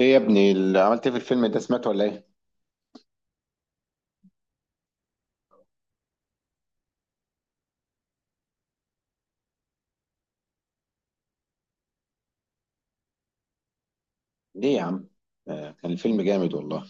ايه يا ابني اللي عملت ايه في الفيلم ده، سمعته ولا ايه؟ ليه يا عم؟ آه، كان الفيلم جامد والله.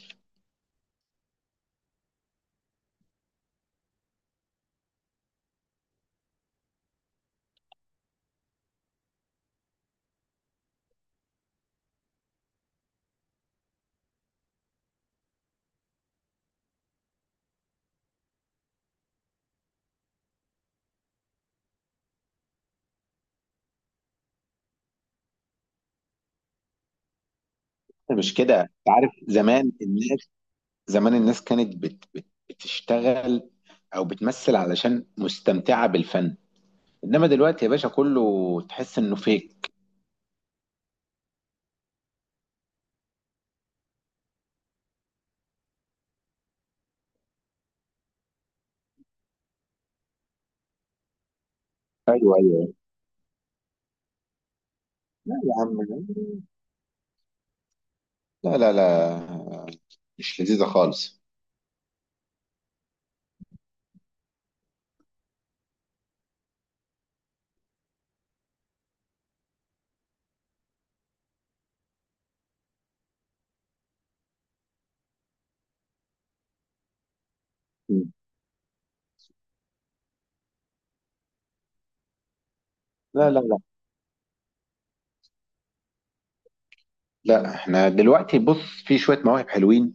مش كده، انت عارف زمان الناس، زمان الناس كانت بت بت بتشتغل او بتمثل علشان مستمتعة بالفن، انما دلوقتي يا باشا كله تحس انه فيك. ايوه ايوه. لا يا عم، لا لا لا، مش لذيذة خالص. لا لا لا، لا احنا دلوقتي بص، في شوية مواهب حلوين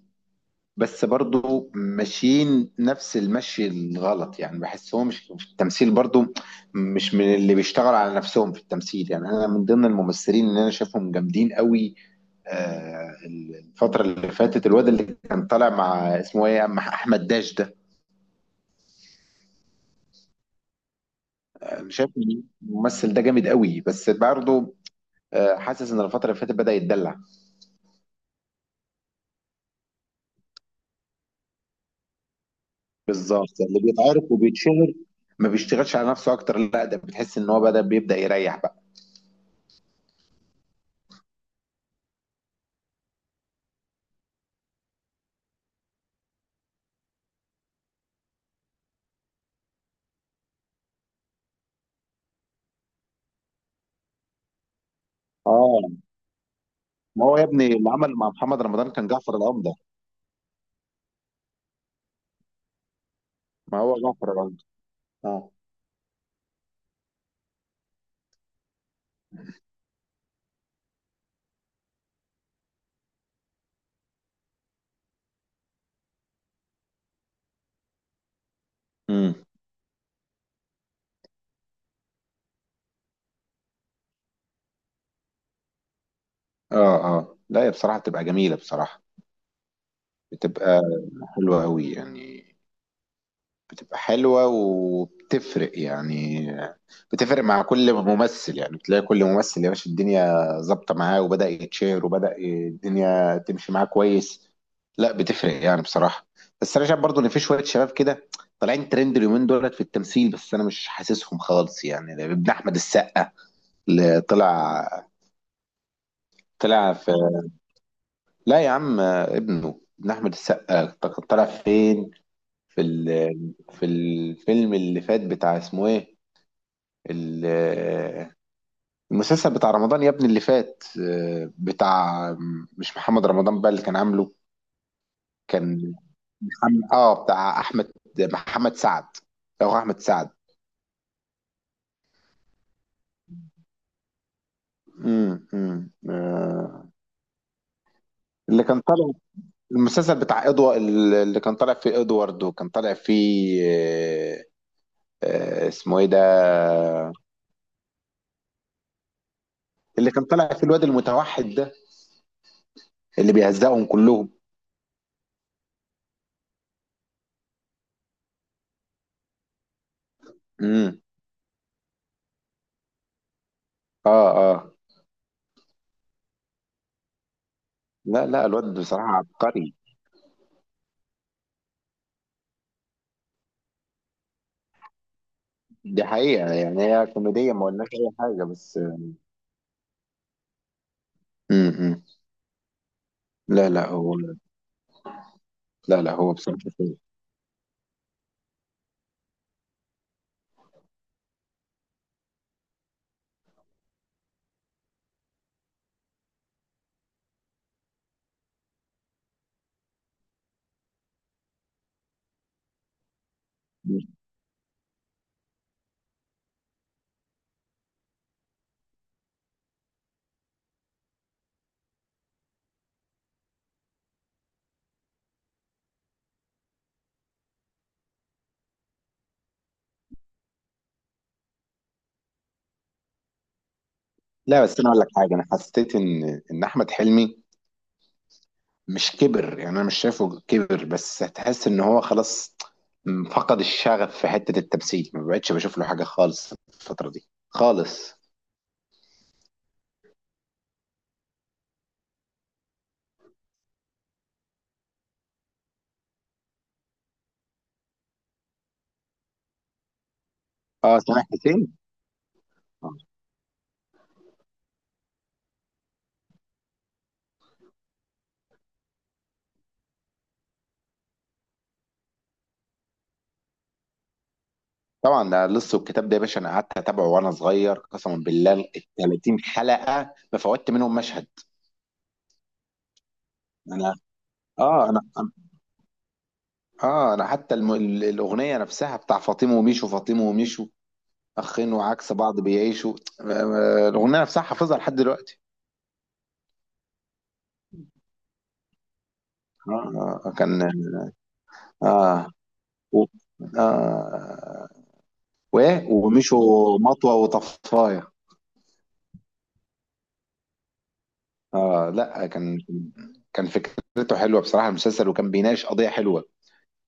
بس برضو ماشيين نفس المشي الغلط، يعني بحسهم مش في التمثيل برضو، مش من اللي بيشتغل على نفسهم في التمثيل. يعني انا من ضمن الممثلين اللي انا شايفهم جامدين قوي آه، الفترة اللي فاتت الواد اللي كان طالع مع، اسمه ايه، مع احمد داش ده. انا شايف إن الممثل ده جامد قوي، بس برضو آه، حاسس ان الفترة اللي فاتت بدأ يتدلع. بالظبط، اللي بيتعارك وبيتشهر ما بيشتغلش على نفسه اكتر، لا ده بتحس ان هو بدأ، بيبدأ يريح بقى. اه، ما هو يا ابني اللي عمل مع محمد رمضان كان جعفر العمدة. ما هو جعفر العمدة. اه. امم. اه اه، لا هي بصراحة بتبقى جميلة بصراحة، بتبقى حلوة قوي يعني، بتبقى حلوة وبتفرق يعني، بتفرق مع كل ممثل، يعني بتلاقي كل ممثل يا باشا الدنيا ظابطة معاه وبدأ يتشهر وبدأ الدنيا تمشي معاه كويس. لا بتفرق يعني بصراحة. بس أنا شايف برضو إن في شوية شباب كده طالعين ترند اليومين دولت في التمثيل، بس أنا مش حاسسهم خالص، يعني ابن أحمد السقا اللي طلع، طلع في، لا يا عم، ابنه ابن احمد السقا كان طلع فين؟ في ال... في الفيلم اللي فات بتاع اسمه ايه، ال- المسلسل بتاع رمضان يا ابني اللي فات آه، بتاع، مش محمد رمضان بقى اللي كان عامله، كان محمد، اه بتاع احمد، محمد سعد او احمد سعد. آه، اللي كان طالع، المسلسل بتاع ادوارد اللي كان طالع فيه ادوارد، وكان طالع فيه آه، اسمه ايه ده، اللي كان طالع في الواد المتوحد ده اللي بيهزقهم كلهم. امم. اه اه. لا لا، الواد بصراحة عبقري. دي حقيقة، يعني هي كوميدية، ما قلناش أي حاجة، بس امم، لا لا هو، لا لا هو بصراحة كويس. مم. لا بس أنا أقول لك حاجة، أنا حسيت إن أحمد حلمي مش كبر، يعني أنا مش شايفه كبر، بس هتحس إن هو خلاص فقد الشغف في حتة التمثيل، ما بقتش بشوف له حاجة خالص الفترة دي خالص. اه سامح حسين. آه. طبعا، ده لص والكتاب ده يا باشا انا قعدت اتابعه وانا صغير قسما بالله، ال 30 حلقه ما فوتت منهم مشهد. انا اه، اه انا، حتى الاغنيه نفسها بتاع فاطمه وميشو، فاطمه وميشو اخين وعكس بعض بيعيشوا آه، آه، الاغنيه نفسها حافظها لحد دلوقتي. آه آه، كان، اه، و... اه، وايه وميشو، مطوه وطفايه. اه لا، كان، كان فكرته حلوه بصراحه المسلسل، وكان بيناقش قضيه حلوه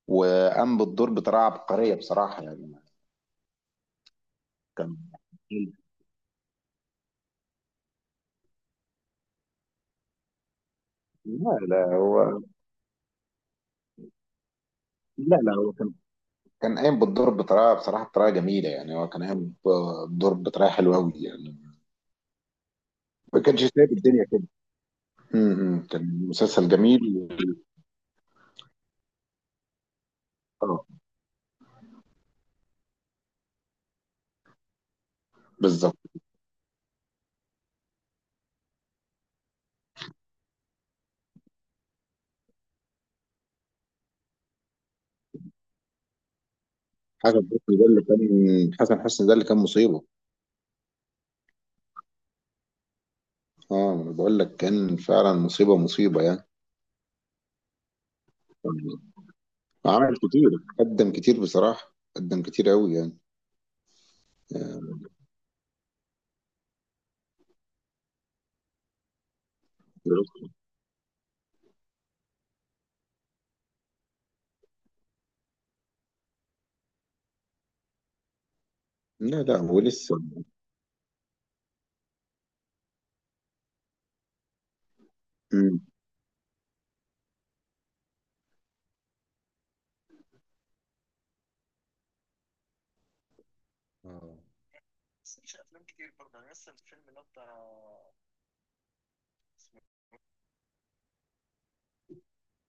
وقام بالدور بطريقه عبقريه بصراحه يعني. كان، لا لا هو، لا لا هو كان، كان قايم بالدور بطريقه بصراحه، بطريقه جميله، يعني هو كان قايم بالدور بطريقه حلوه قوي يعني. ما كانش سايب الدنيا كده. امم، كان مسلسل جميل اه. بالظبط. حسن حسني ده اللي كان حسن حسني ده اللي كان مصيبه. اه أنا بقول لك، كان فعلا مصيبه، مصيبه يعني آه، عمل كتير، قدم كتير بصراحه، قدم كتير قوي يعني آه، لا لا هو لسه. مم. آه.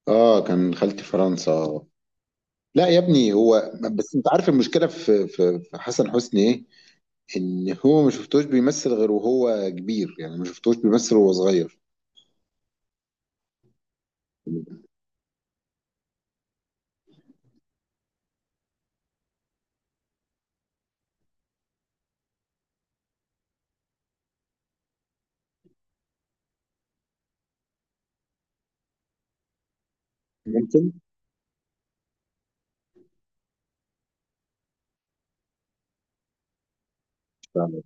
اه كان خالتي فرنسا آه. لا يا ابني، هو بس انت عارف المشكله في في حسن حسني ايه؟ ان هو ما شفتوش بيمثل غير وهو كبير، يعني ما شفتوش بيمثل وهو صغير. ممكن. فعلا.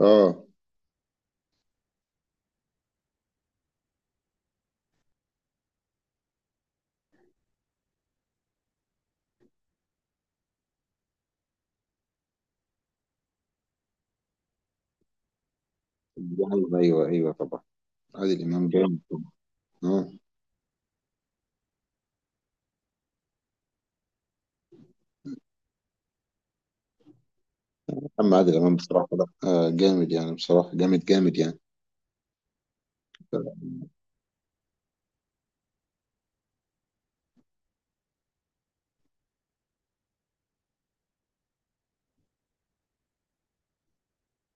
اه. يعني ايوه ايوه طبعا. عادل امام جامد طبعا. اه. اما عادل امام بصراحه، لا آه جامد يعني، بصراحه جامد جامد يعني.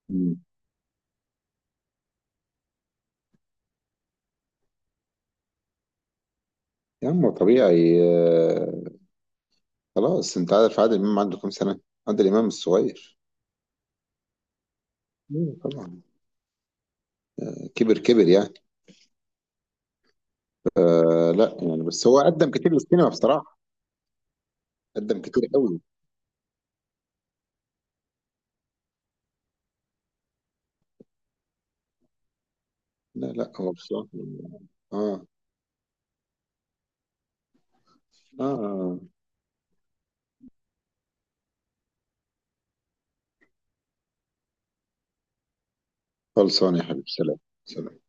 مم. يا عم طبيعي، آه، خلاص، انت عارف عادل امام عنده كام سنه؟ عادل امام الصغير. مم، طبعا، كبر كبر يعني، آه. لا يعني، بس هو قدم كتير للسينما بصراحة، قدم كتير قوي. لا لا هو بصراحة اه اه آه. خلصان يا حبيبي، سلام. سلام.